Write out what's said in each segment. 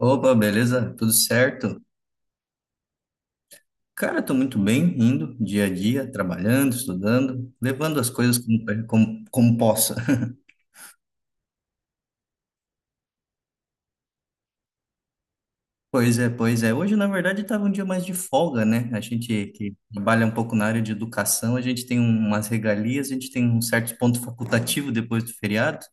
Opa, beleza? Tudo certo? Cara, tô muito bem, indo dia a dia, trabalhando, estudando, levando as coisas como possa. Pois é, pois é. Hoje, na verdade, estava um dia mais de folga, né? A gente que trabalha um pouco na área de educação, a gente tem umas regalias, a gente tem um certo ponto facultativo depois do feriado.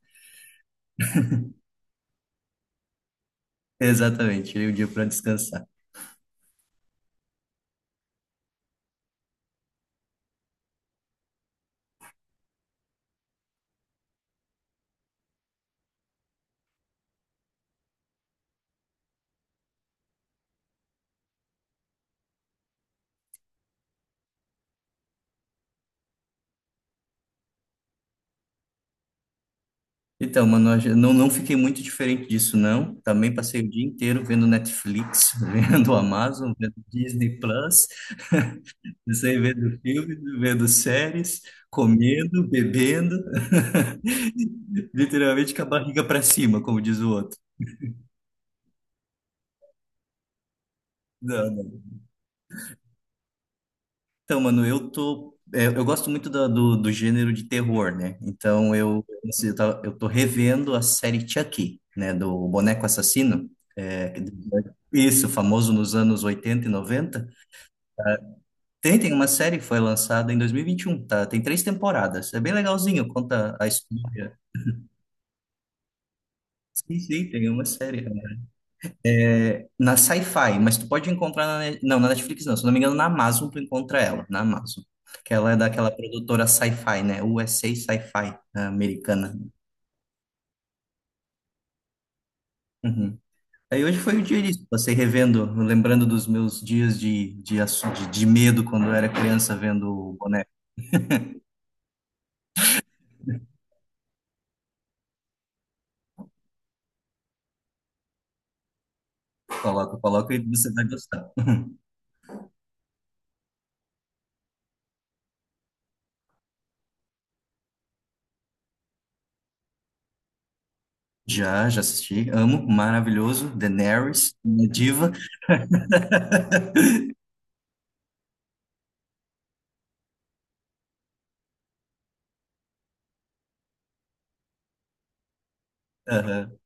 Exatamente, tirei o dia para descansar. Então, mano, eu não fiquei muito diferente disso, não. Também passei o dia inteiro vendo Netflix, vendo Amazon, vendo Disney Plus. Você vendo filme, vendo séries, comendo, bebendo, literalmente com a barriga para cima, como diz o outro. Não, não. Então, mano, eu gosto muito do gênero de terror, né? Então, eu, assim, eu tô revendo a série Chucky, né? Do boneco assassino. É, que- é isso, famoso nos anos 80 e 90. Tem uma série que foi lançada em dois mil e vinte e um, tá? Tem três temporadas. É bem legalzinho, conta a história. Sim, sim, tem uma série, né? É, na Sci-Fi, mas tu pode encontrar não, na Netflix não, se eu não me engano, na Amazon tu encontra ela, na Amazon. Que ela é daquela produtora Sci-Fi, né? USA Sci-Fi, a Sci-Fi, né, americana. Uhum. Aí hoje foi o dia disso, passei revendo, lembrando dos meus dias de medo quando eu era criança vendo o boneco. Coloca, coloca, e você vai gostar. Já, já assisti, amo, maravilhoso, Daenerys, minha diva. Aham.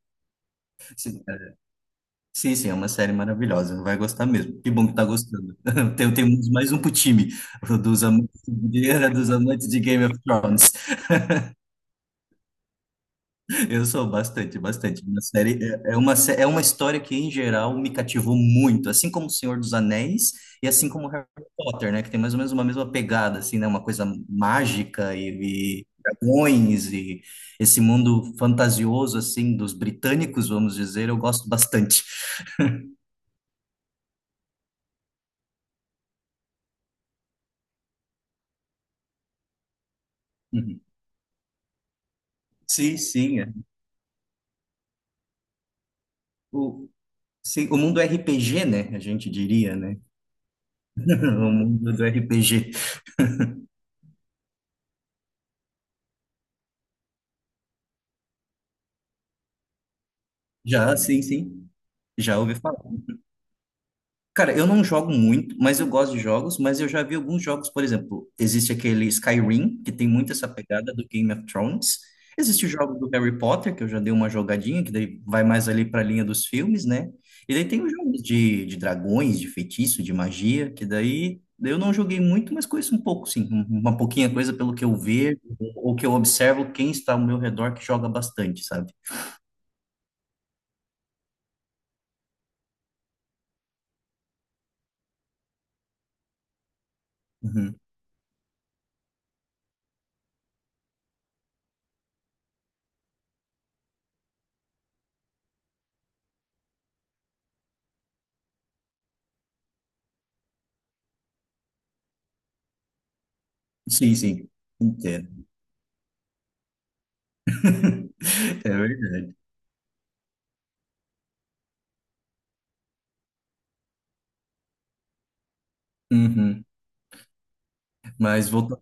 Sim, sim, é uma série maravilhosa, vai gostar mesmo. Que bom que tá gostando. Temos mais um pro time, o dos amantes de guerra, dos amantes de Game of Thrones. Eu sou bastante, bastante. Uma série é uma história que em geral me cativou muito, assim como O Senhor dos Anéis e assim como Harry Potter, né, que tem mais ou menos uma mesma pegada assim, né, uma coisa mágica e dragões e esse mundo fantasioso assim dos britânicos, vamos dizer, eu gosto bastante. Uhum. Sim, sim. É. O- Sim, o mundo RPG, né? A gente diria, né? O mundo do RPG. Já, sim, sim. Já ouvi. Cara, eu não jogo muito, mas eu gosto de jogos, mas eu já vi alguns jogos, por exemplo, existe aquele Skyrim, que tem muito essa pegada do Game of Thrones. Existe o jogo do Harry Potter, que eu já dei uma jogadinha, que daí vai mais ali para a linha dos filmes, né? E daí tem os jogos de dragões, de feitiço, de magia, que daí eu não joguei muito, mas conheço um pouco, sim, uma pouquinha coisa pelo que eu vejo, ou que eu observo quem está ao meu redor que joga bastante, sabe? Uhum. Sim, sim, entendo. É verdade. Uhum. Mas voltando.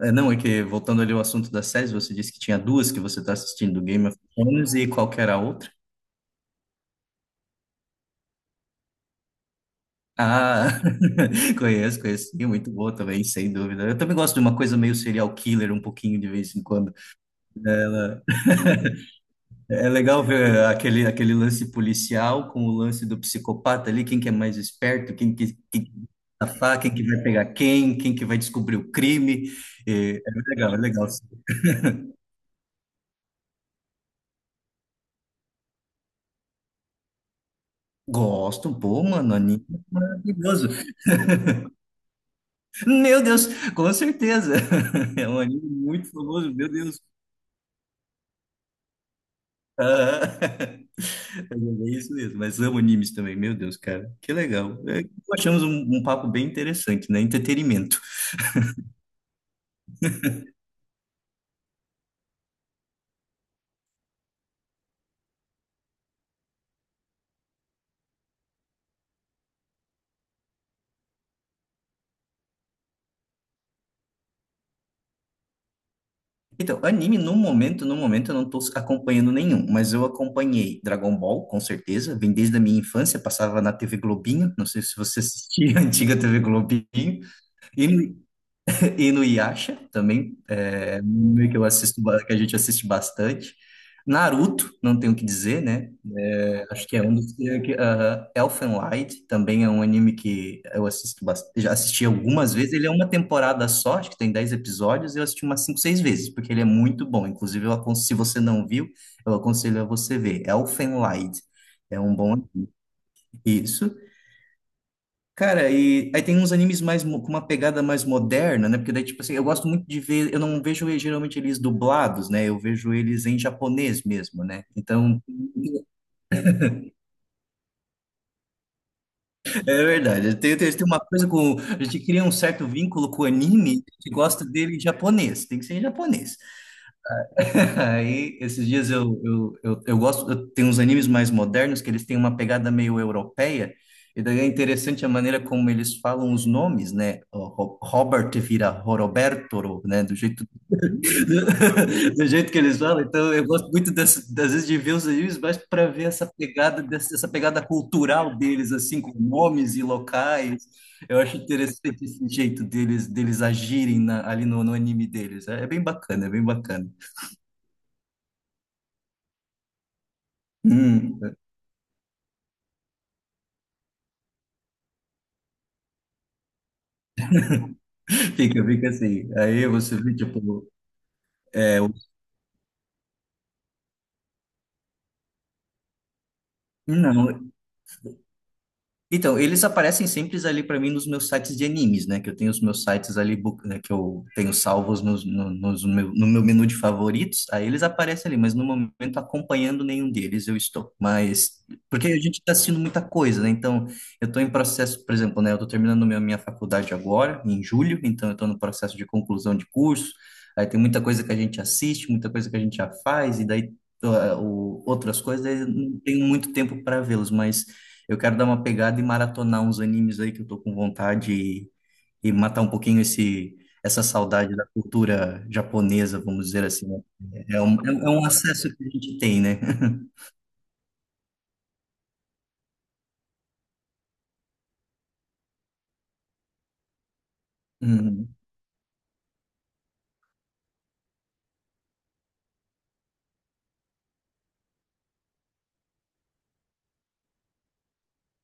É, não, é que voltando ali ao assunto das séries, você disse que tinha duas que você está assistindo, Game of Thrones e qual que era a outra? Ah, conheço, conheço, sim, muito boa também, sem dúvida. Eu também gosto de uma coisa meio serial killer, um pouquinho de vez em quando. É legal ver aquele lance policial com o lance do psicopata ali, quem que é mais esperto, quem que vai safar, quem que vai pegar quem, quem que vai descobrir o crime. É, é legal, é legal. Gosto, pô, mano, anime é maravilhoso. Meu Deus, com certeza. É um anime muito famoso, meu Deus. Ah, é isso mesmo, mas amo animes também, meu Deus, cara. Que legal. É, achamos um papo bem interessante, né? Entretenimento. Então, anime no momento, no momento eu não tô acompanhando nenhum, mas eu acompanhei Dragon Ball, com certeza, vem desde a minha infância, passava na TV Globinho, não sei se você assistia a antiga TV Globinho, e, E no Yasha também, é um anime que eu assisto, que a gente assiste bastante. Naruto, não tenho o que dizer, né? É, acho que é um dos que. Aham. Elfen Lied também é um anime que eu assisto bastante, já assisti algumas vezes. Ele é uma temporada só, acho que tem 10 episódios, e eu assisti umas 5 6 vezes, porque ele é muito bom. Inclusive, se você não viu, eu aconselho a você ver. Elfen Lied. É um bom. Isso. Cara, e aí tem uns animes mais com uma pegada mais moderna, né? Porque daí, tipo assim, eu gosto muito de ver, eu não vejo geralmente eles dublados, né? Eu vejo eles em japonês mesmo, né? Então, é verdade. Tem uma coisa com. A gente cria um certo vínculo com o anime, a gente gosta dele em japonês, tem que ser em japonês. Aí, esses dias eu gosto, eu, tem uns animes mais modernos que eles têm uma pegada meio europeia, e daí é interessante a maneira como eles falam os nomes, né? Robert vira Roberto, né? Do jeito, do jeito que eles falam. Então, eu gosto muito das vezes de ver os animes, mas para ver essa pegada, essa pegada cultural deles, assim, com nomes e locais. Eu acho interessante esse jeito deles agirem ali no anime deles. É, é bem bacana, é bem bacana. Hum. Fica, fica assim. Aí você vê, tipo, é, não, Então, eles aparecem sempre ali para mim nos meus sites de animes, né? Que eu tenho os meus sites ali, né, que eu tenho salvos nos, no, nos meu, no meu menu de favoritos. Aí eles aparecem ali, mas no momento acompanhando nenhum deles eu estou. Mas, porque a gente está assistindo muita coisa, né? Então, eu estou em processo, por exemplo, né? Eu estou terminando minha faculdade agora, em julho, então eu estou no processo de conclusão de curso. Aí tem muita coisa que a gente assiste, muita coisa que a gente já faz, e daí. Ah, Outras coisas, aí eu não tenho muito tempo para vê-los, mas eu quero dar uma pegada e maratonar uns animes aí que eu tô com vontade e, matar um pouquinho essa saudade da cultura japonesa, vamos dizer assim, né? É um acesso que a gente tem, né? Uhum,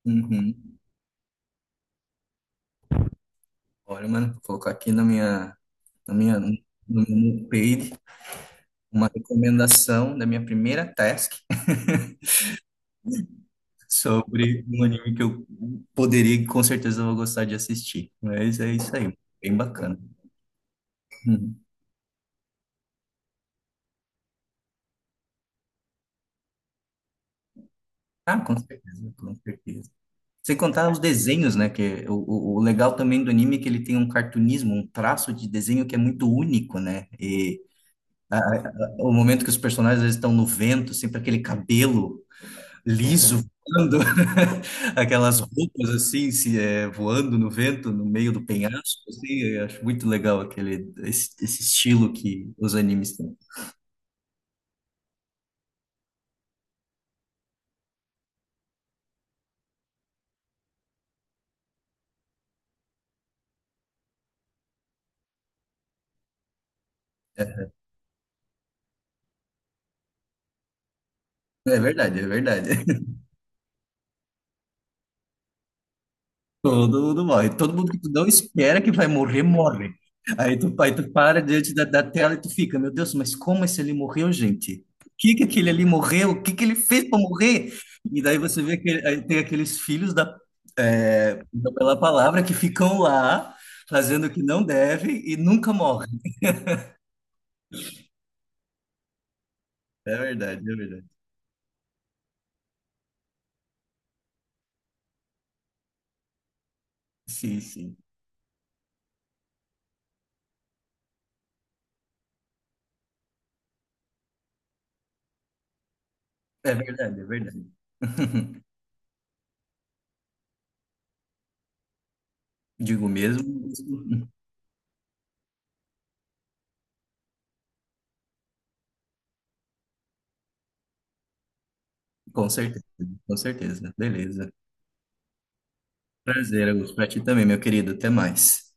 uhum. Olha, mano, vou colocar aqui no meu page uma recomendação da minha primeira task sobre um anime que eu poderia e com certeza vou gostar de assistir. Mas é isso aí, bem bacana. Uhum. Ah, com certeza, com certeza. Sem contar os desenhos, né? Que o legal também do anime é que ele tem um cartunismo, um traço de desenho que é muito único, né? E o momento que os personagens às vezes, estão no vento, sempre aquele cabelo liso voando, aquelas roupas assim, se é, voando no vento, no meio do penhasco, assim, eu acho muito legal esse estilo que os animes têm. É verdade, é verdade. Todo mundo morre. Todo mundo que tu não espera que vai morrer, morre. Aí tu para diante da tela e tu fica, meu Deus, mas como esse ali morreu, gente? Por que que aquele ali morreu? O que que ele fez para morrer? E daí você vê que aí tem aqueles filhos da pela palavra que ficam lá fazendo o que não deve e nunca morrem. É verdade, é verdade. Sim, sim. É verdade, é verdade. Digo mesmo, com certeza, com certeza. Beleza. Prazer, Augusto. Pra ti também, meu querido. Até mais.